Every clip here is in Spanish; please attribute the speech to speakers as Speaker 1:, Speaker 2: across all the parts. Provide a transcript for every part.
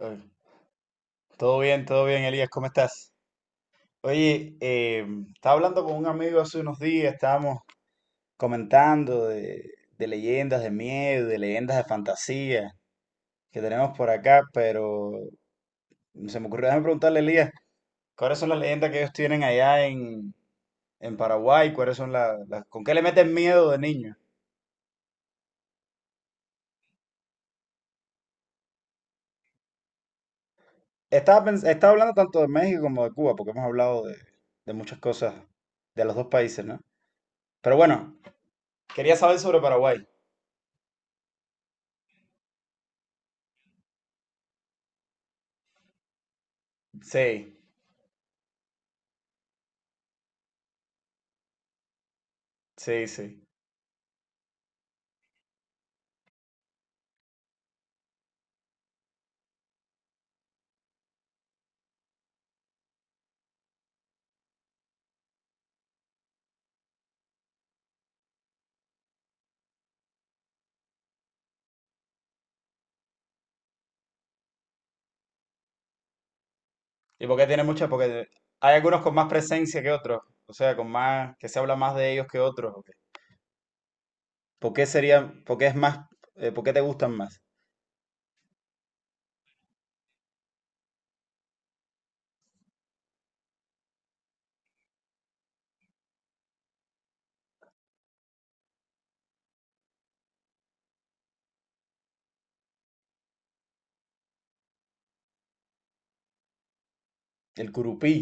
Speaker 1: Eh, Todo bien, todo bien, Elías, ¿cómo estás? Oye, estaba hablando con un amigo hace unos días, estábamos comentando de, de leyendas de miedo, de leyendas de fantasía que tenemos por acá, pero se me ocurrió, déjame preguntarle, Elías, ¿cuáles son las leyendas que ellos tienen en Paraguay? ¿Cuáles son las, con qué le meten miedo de niño? Estaba hablando tanto de México como de Cuba, porque hemos hablado de muchas cosas de los dos países, ¿no? Pero bueno, quería saber sobre Paraguay. Sí. Sí, sí. ¿Y por qué tiene muchas? Porque hay algunos con más presencia que otros, o sea, con más, que se habla más de ellos que otros. ¿O qué? ¿Por qué serían, por qué es más, por qué te gustan más? El curupí.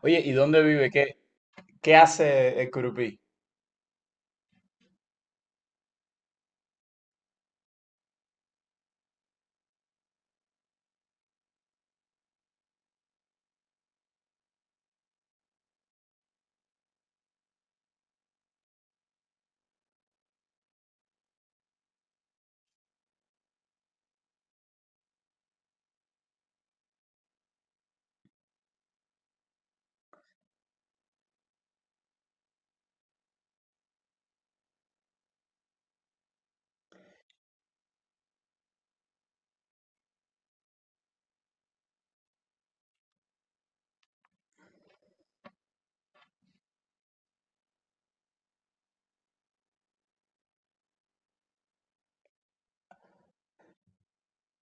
Speaker 1: Oye, ¿y dónde vive? ¿Qué, qué hace el curupí?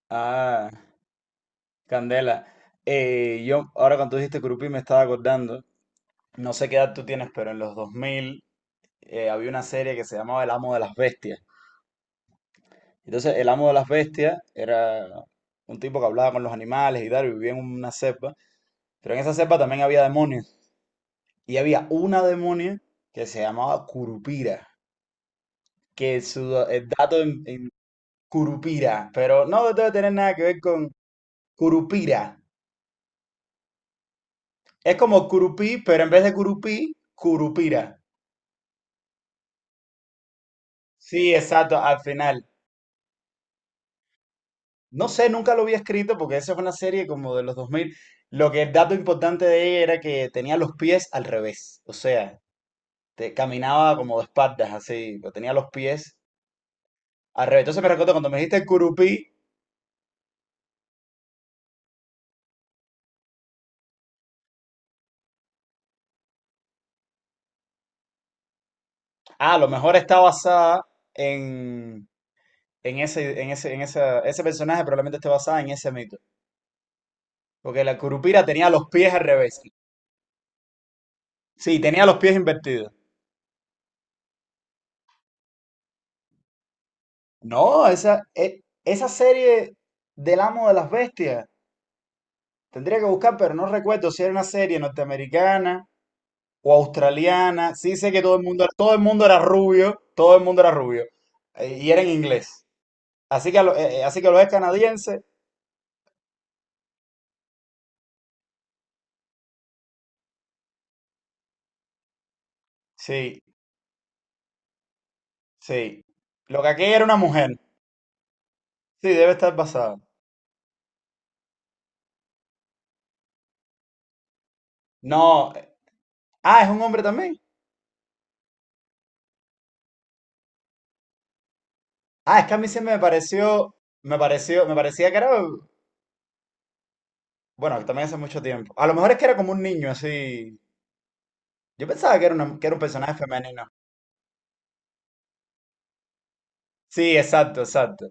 Speaker 1: Ah, Candela. Ahora cuando tú dijiste curupí me estaba acordando, no sé qué edad tú tienes, pero en los 2000 había una serie que se llamaba El Amo de las Bestias. Entonces, el Amo de las Bestias era un tipo que hablaba con los animales y tal, y vivía en una cepa. Pero en esa selva también había demonios. Y había una demonia que se llamaba Curupira. Que su el dato en Curupira. Pero no debe tener nada que ver con Curupira. Es como Curupí, pero en vez de Curupí, Curupira. Sí, exacto, al final. No sé, nunca lo había escrito porque esa fue una serie como de los dos mil. Lo que el dato importante de ella era que tenía los pies al revés. O sea, caminaba como de espaldas, así. Pero tenía los pies al revés. Entonces me recuerdo cuando me dijiste Curupí. Ah, a lo mejor está basada en, en ese personaje, probablemente esté basada en ese mito. Porque la Curupira tenía los pies al revés. Sí, tenía los pies invertidos. No, esa serie del Amo de las Bestias, tendría que buscar, pero no recuerdo si era una serie norteamericana o australiana. Sí sé que todo el mundo era rubio, todo el mundo era rubio. Y era en inglés. Así que, así que lo es canadiense. Sí, sí. Lo que aquella era una mujer. Sí, debe estar basada. No. Ah, es un hombre también. Ah, es que a mí siempre me pareció, me pareció, me parecía que era, bueno, que también hace mucho tiempo. A lo mejor es que era como un niño, así. Yo pensaba que era, que era un personaje femenino. Sí, exacto, exacto.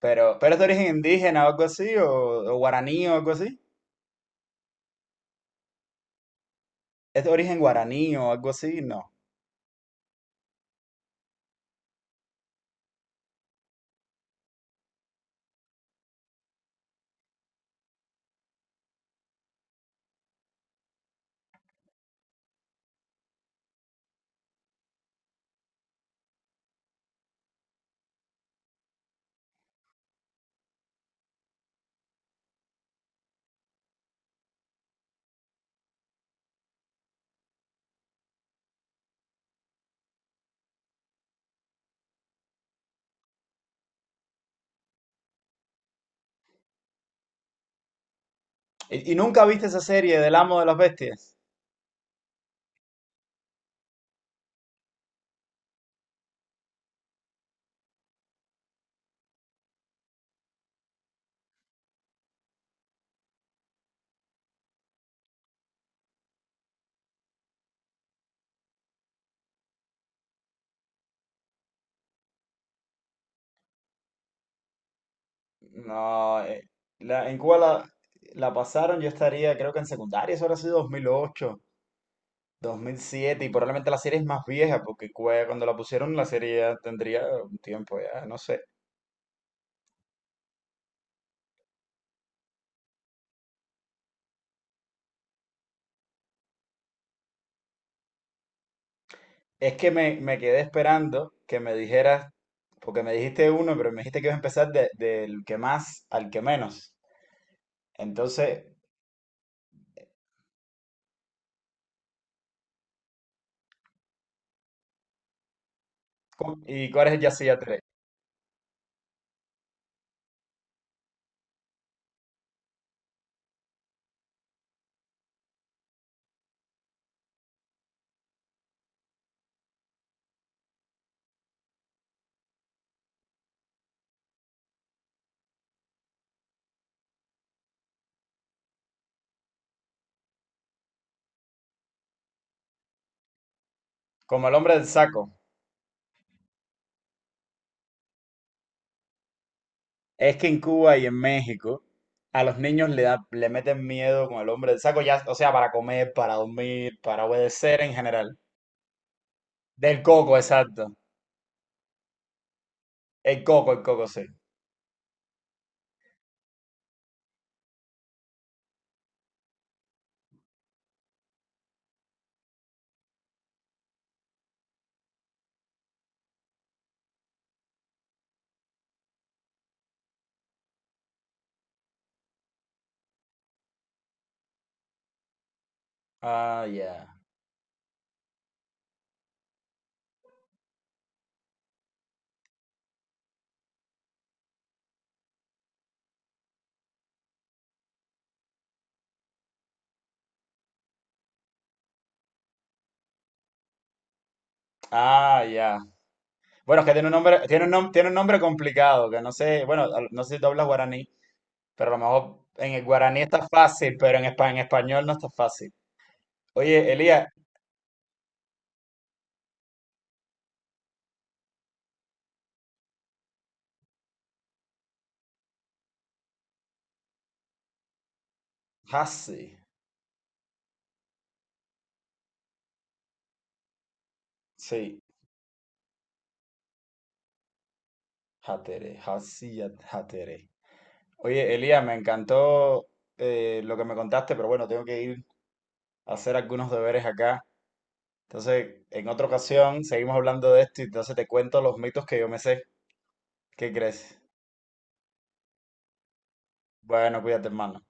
Speaker 1: Pero es de origen indígena o algo así, o guaraní o algo así. Es de origen guaraní o algo así, no. Y nunca viste esa serie del Amo de las Bestias? No, en Cuba la pasaron, yo estaría, creo que en secundaria, eso habrá sido 2008. 2007 y probablemente la serie es más vieja porque cuando la pusieron la serie ya tendría un tiempo ya, no sé. Es que me quedé esperando que me dijeras, porque me dijiste uno, pero me dijiste que ibas a empezar del que más al que menos. Entonces, ¿y cuál es el Yacía tres? Como el hombre del saco. Es que en Cuba y en México a los niños le meten miedo con el hombre del saco, ya, o sea, para comer, para dormir, para obedecer en general. Del coco, exacto. El coco, sí. Ah, ya. Ah, ya. Bueno, es que tiene un nombre, tiene un tiene un nombre complicado, que no sé, bueno, no sé si tú hablas guaraní, pero a lo mejor en el guaraní está fácil, pero en, en español no está fácil. Oye, Elías, Hasi, sí, Hatere, Hatere. Oye, Elías, me encantó lo que me contaste, pero bueno, tengo que ir a hacer algunos deberes acá. Entonces, en otra ocasión seguimos hablando de esto y entonces te cuento los mitos que yo me sé. ¿Qué crees? Bueno, cuídate, hermano.